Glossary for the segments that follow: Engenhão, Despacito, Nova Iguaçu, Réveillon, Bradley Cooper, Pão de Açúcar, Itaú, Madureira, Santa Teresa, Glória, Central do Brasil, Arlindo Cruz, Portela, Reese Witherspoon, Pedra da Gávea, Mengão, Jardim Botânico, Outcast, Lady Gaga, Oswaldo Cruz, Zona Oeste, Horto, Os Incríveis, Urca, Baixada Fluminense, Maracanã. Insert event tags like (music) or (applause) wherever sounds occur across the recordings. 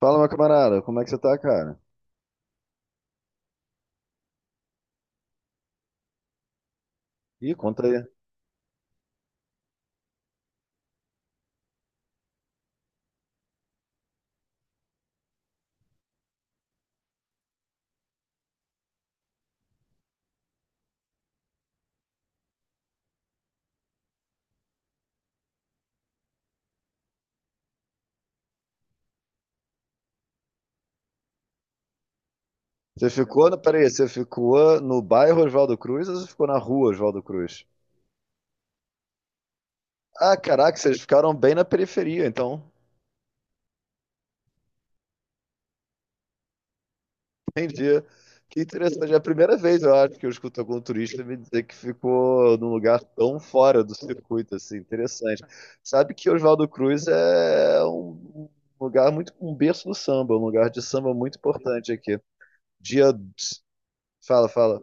Fala, meu camarada, como é que você tá, cara? Ih, conta aí. Você ficou, no- Peraí, você ficou no bairro Oswaldo Cruz ou você ficou na rua Oswaldo Cruz? Ah, caraca, vocês ficaram bem na periferia, então. Entendi. Que interessante. É a primeira vez, eu acho, que eu escuto algum turista me dizer que ficou num lugar tão fora do circuito, assim. Interessante. Sabe que Oswaldo Cruz é um lugar muito, um berço do samba, um lugar de samba muito importante aqui. Dia. Fala, fala.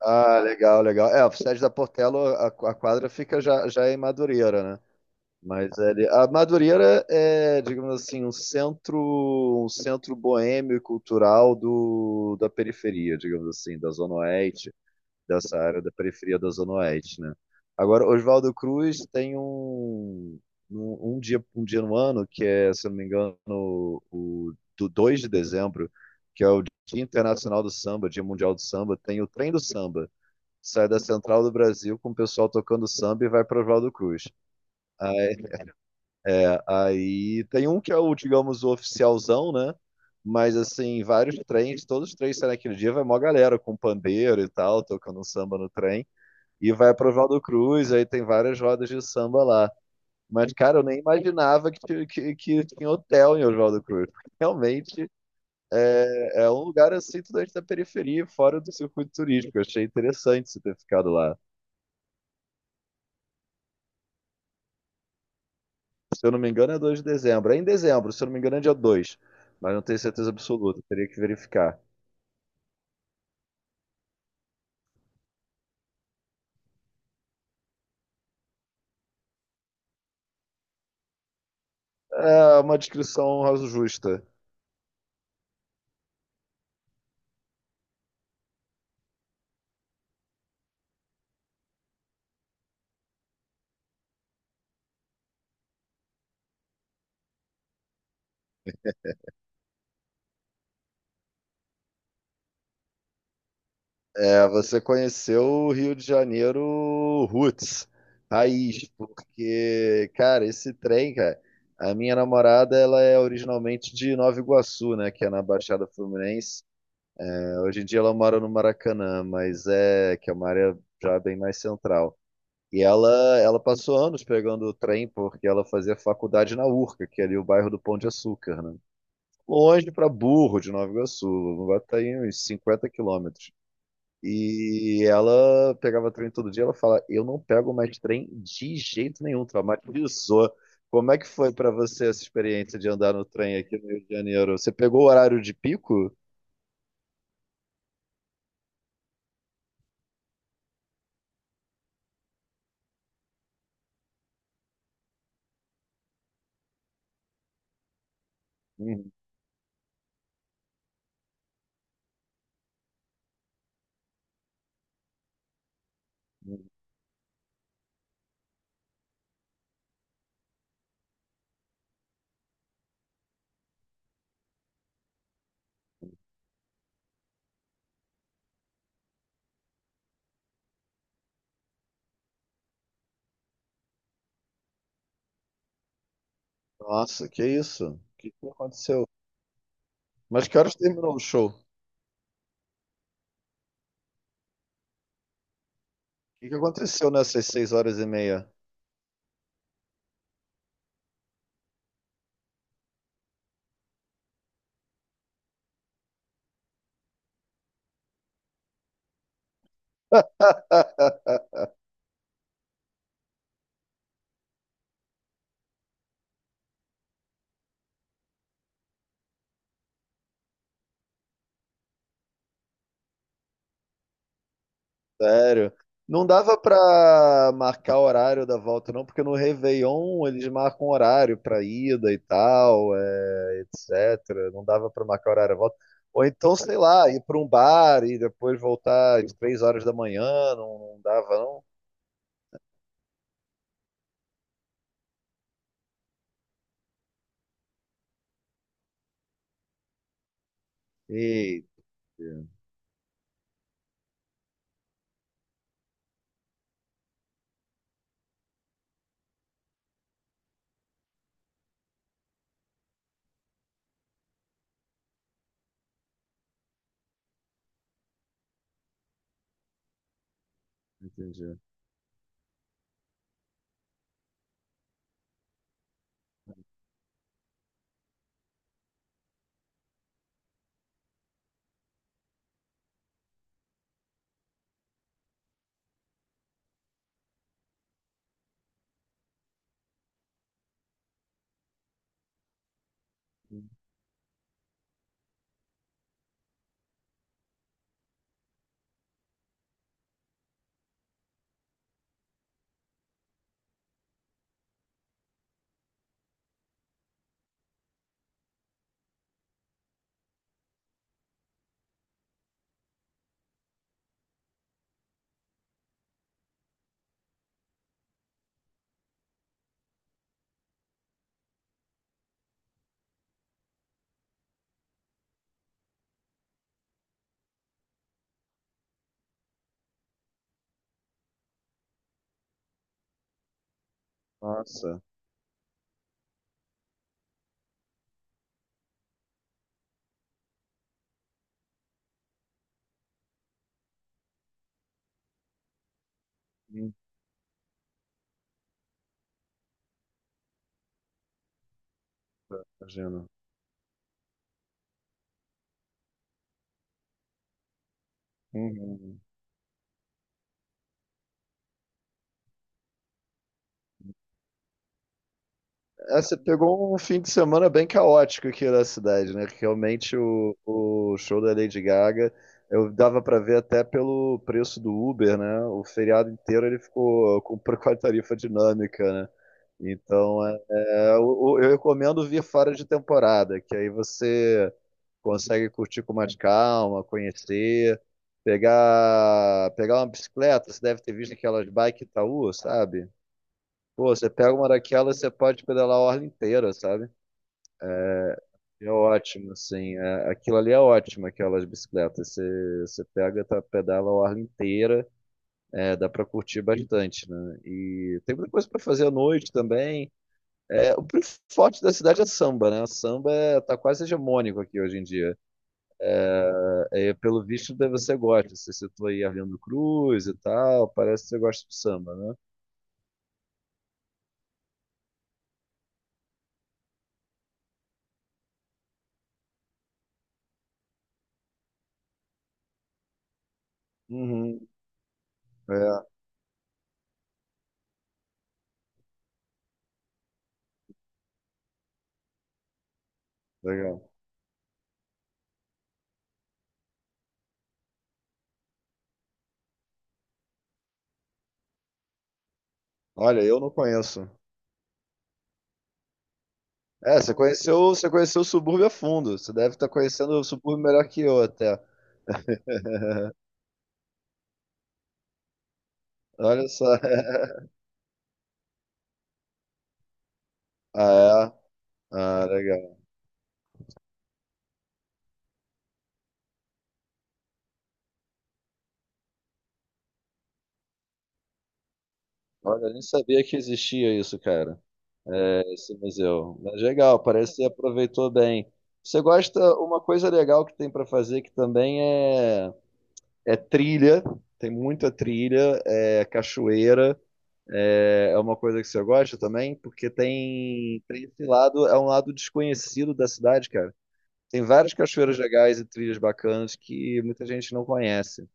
Ah, legal, legal. É, o Sede da Portela, a quadra fica já em Madureira, né? Mas ele, a Madureira é, digamos assim, um centro boêmio e cultural da periferia, digamos assim, da Zona Oeste, dessa área da periferia da Zona Oeste, né? Agora, Oswaldo Cruz tem um dia no ano, que é, se eu não me engano, do 2 de dezembro, que é o Dia Internacional do Samba, Dia Mundial do Samba, tem o Trem do Samba sai da Central do Brasil com o pessoal tocando samba e vai para Oswaldo Cruz. Aí, aí tem um que é o, digamos, o oficialzão, né? Mas assim, vários trens, todos os trens saem naquele dia, vai mó galera com pandeiro e tal, tocando um samba no trem, e vai para Oswaldo Cruz, aí tem várias rodas de samba lá. Mas, cara, eu nem imaginava que tinha hotel em Oswaldo Cruz. Realmente é um lugar assim, totalmente da periferia, fora do circuito turístico. Eu achei interessante você ter ficado lá. Se eu não me engano, é 2 de dezembro. É em dezembro, se eu não me engano, é dia dois. Mas não tenho certeza absoluta, teria que verificar. É uma descrição raso justa. É, você conheceu o Rio de Janeiro roots, raiz, porque, cara, esse trem, cara, a minha namorada, ela é originalmente de Nova Iguaçu, né, que é na Baixada Fluminense. É, hoje em dia ela mora no Maracanã, mas é, que é uma área já bem mais central. E ela passou anos pegando o trem porque ela fazia faculdade na Urca, que é ali o bairro do Pão de Açúcar, né? Longe para burro de Nova Iguaçu, vai estar aí uns 50 km. E ela pegava trem todo dia, ela fala, eu não pego mais trem de jeito nenhum, traumatizou. Como é que foi para você essa experiência de andar no trem aqui no Rio de Janeiro? Você pegou o horário de pico? Uhum. Nossa, que isso? O que que aconteceu? Mas que horas terminou o show? O que que aconteceu nessas 6 horas e meia? (laughs) Sério. Não dava pra marcar horário da volta, não, porque no Réveillon eles marcam horário pra ida e tal, etc. Não dava pra marcar horário da volta. Ou então, sei lá, ir pra um bar e depois voltar às 3 horas da manhã, não, não dava, não? Eita, entendi. Nossa, hum, imagina. Uhum. É, você pegou um fim de semana bem caótico aqui na cidade, né? Que realmente o show da Lady Gaga, eu dava pra ver até pelo preço do Uber, né? O feriado inteiro ele ficou com, (laughs) com a tarifa dinâmica, né? Então, eu recomendo vir fora de temporada, que aí você consegue curtir com mais calma, conhecer, pegar uma bicicleta, você deve ter visto aquelas bike Itaú, sabe? Pô, você pega uma daquelas, você pode pedalar a orla inteira, sabe? É ótimo, assim. Aquilo ali é ótimo, aquelas bicicletas. Você pega, tá, pedala a orla inteira, é, dá pra curtir bastante, né? E tem muita coisa pra fazer à noite também. É, forte da cidade é samba, né? Samba é, tá quase hegemônico aqui hoje em dia. É, pelo visto, deve você gosta. Você citou aí Arlindo Cruz e tal, parece que você gosta de samba, né? Uhum. É, legal. Olha, eu não conheço. É, você conheceu o subúrbio a fundo. Você deve estar conhecendo o subúrbio melhor que eu até. (laughs) Olha só. (laughs) Ah, é? Ah, legal. Olha, eu nem sabia que existia isso, cara. Esse museu. Mas legal, parece que aproveitou bem. Você gosta, uma coisa legal que tem para fazer que também é trilha. Tem muita trilha, é cachoeira. É, é uma coisa que você gosta também, porque tem esse lado, é um lado desconhecido da cidade, cara. Tem várias cachoeiras legais e trilhas bacanas que muita gente não conhece.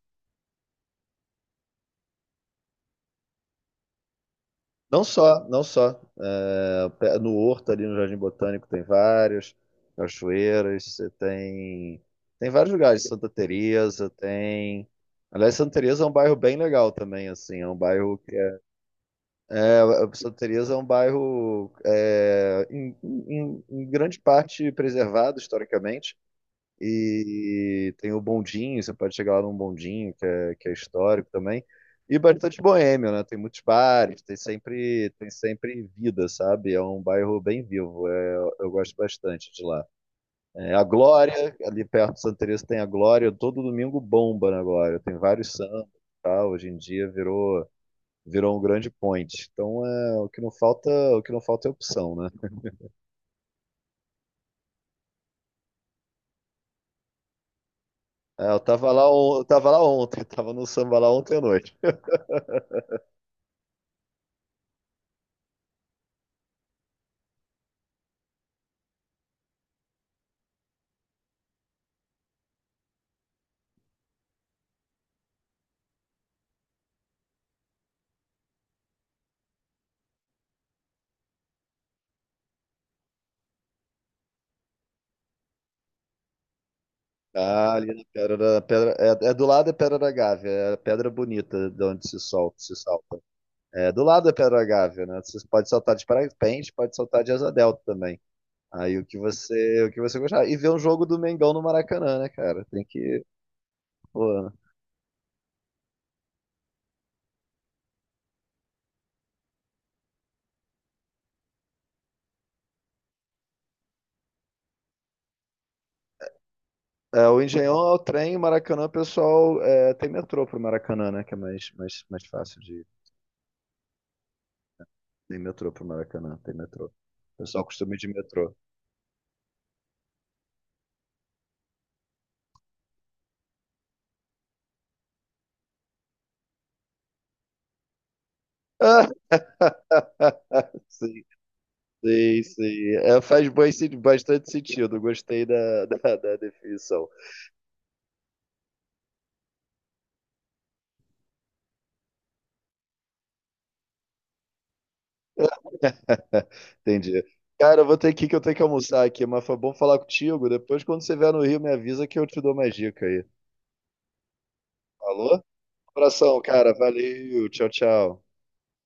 Não só, não só. É, no Horto, ali no Jardim Botânico, tem vários. Cachoeiras, você tem. Tem vários lugares. Santa Teresa tem. Aliás, Santa Teresa é um bairro bem legal também, assim. É um bairro que é. É, Santa Teresa é um bairro é, em grande parte preservado historicamente. E tem o bondinho, você pode chegar lá num bondinho, que é histórico também. E bastante boêmio, né? Tem muitos bares, tem sempre vida, sabe? É um bairro bem vivo, é, eu gosto bastante de lá. É, a Glória, ali perto de Santa Teresa tem a Glória, todo domingo bomba na Glória, tem vários sambas e tal, hoje em dia virou um grande point. Então, é, o que não falta é opção, né? É, eu tava lá ontem, (laughs) tava no samba lá ontem à noite. Ah, ali na Pedra da Pedra. É, é do lado é Pedra da Gávea, é a pedra bonita de onde se solta, se salta. É do lado é Pedra da Gávea, né? Você pode saltar de parapente, pode saltar de asa delta também. Aí o que você gostar. E ver um jogo do Mengão no Maracanã, né, cara? Tem que. Pô, né? É, o Engenhão é o trem, o Maracanã, o pessoal é, tem metrô pro Maracanã, né? Que é mais fácil de ir. Tem metrô pro Maracanã, tem metrô. O pessoal costuma ir de metrô. (laughs) Sim. Sim, sim. É, faz bastante sentido. Gostei da, (laughs) da definição. (laughs) Entendi. Cara, eu vou ter que ir que eu tenho que almoçar aqui, mas foi bom falar contigo. Depois, quando você vier no Rio, me avisa que eu te dou mais dica aí. Falou? Abração, cara. Valeu. Tchau, tchau.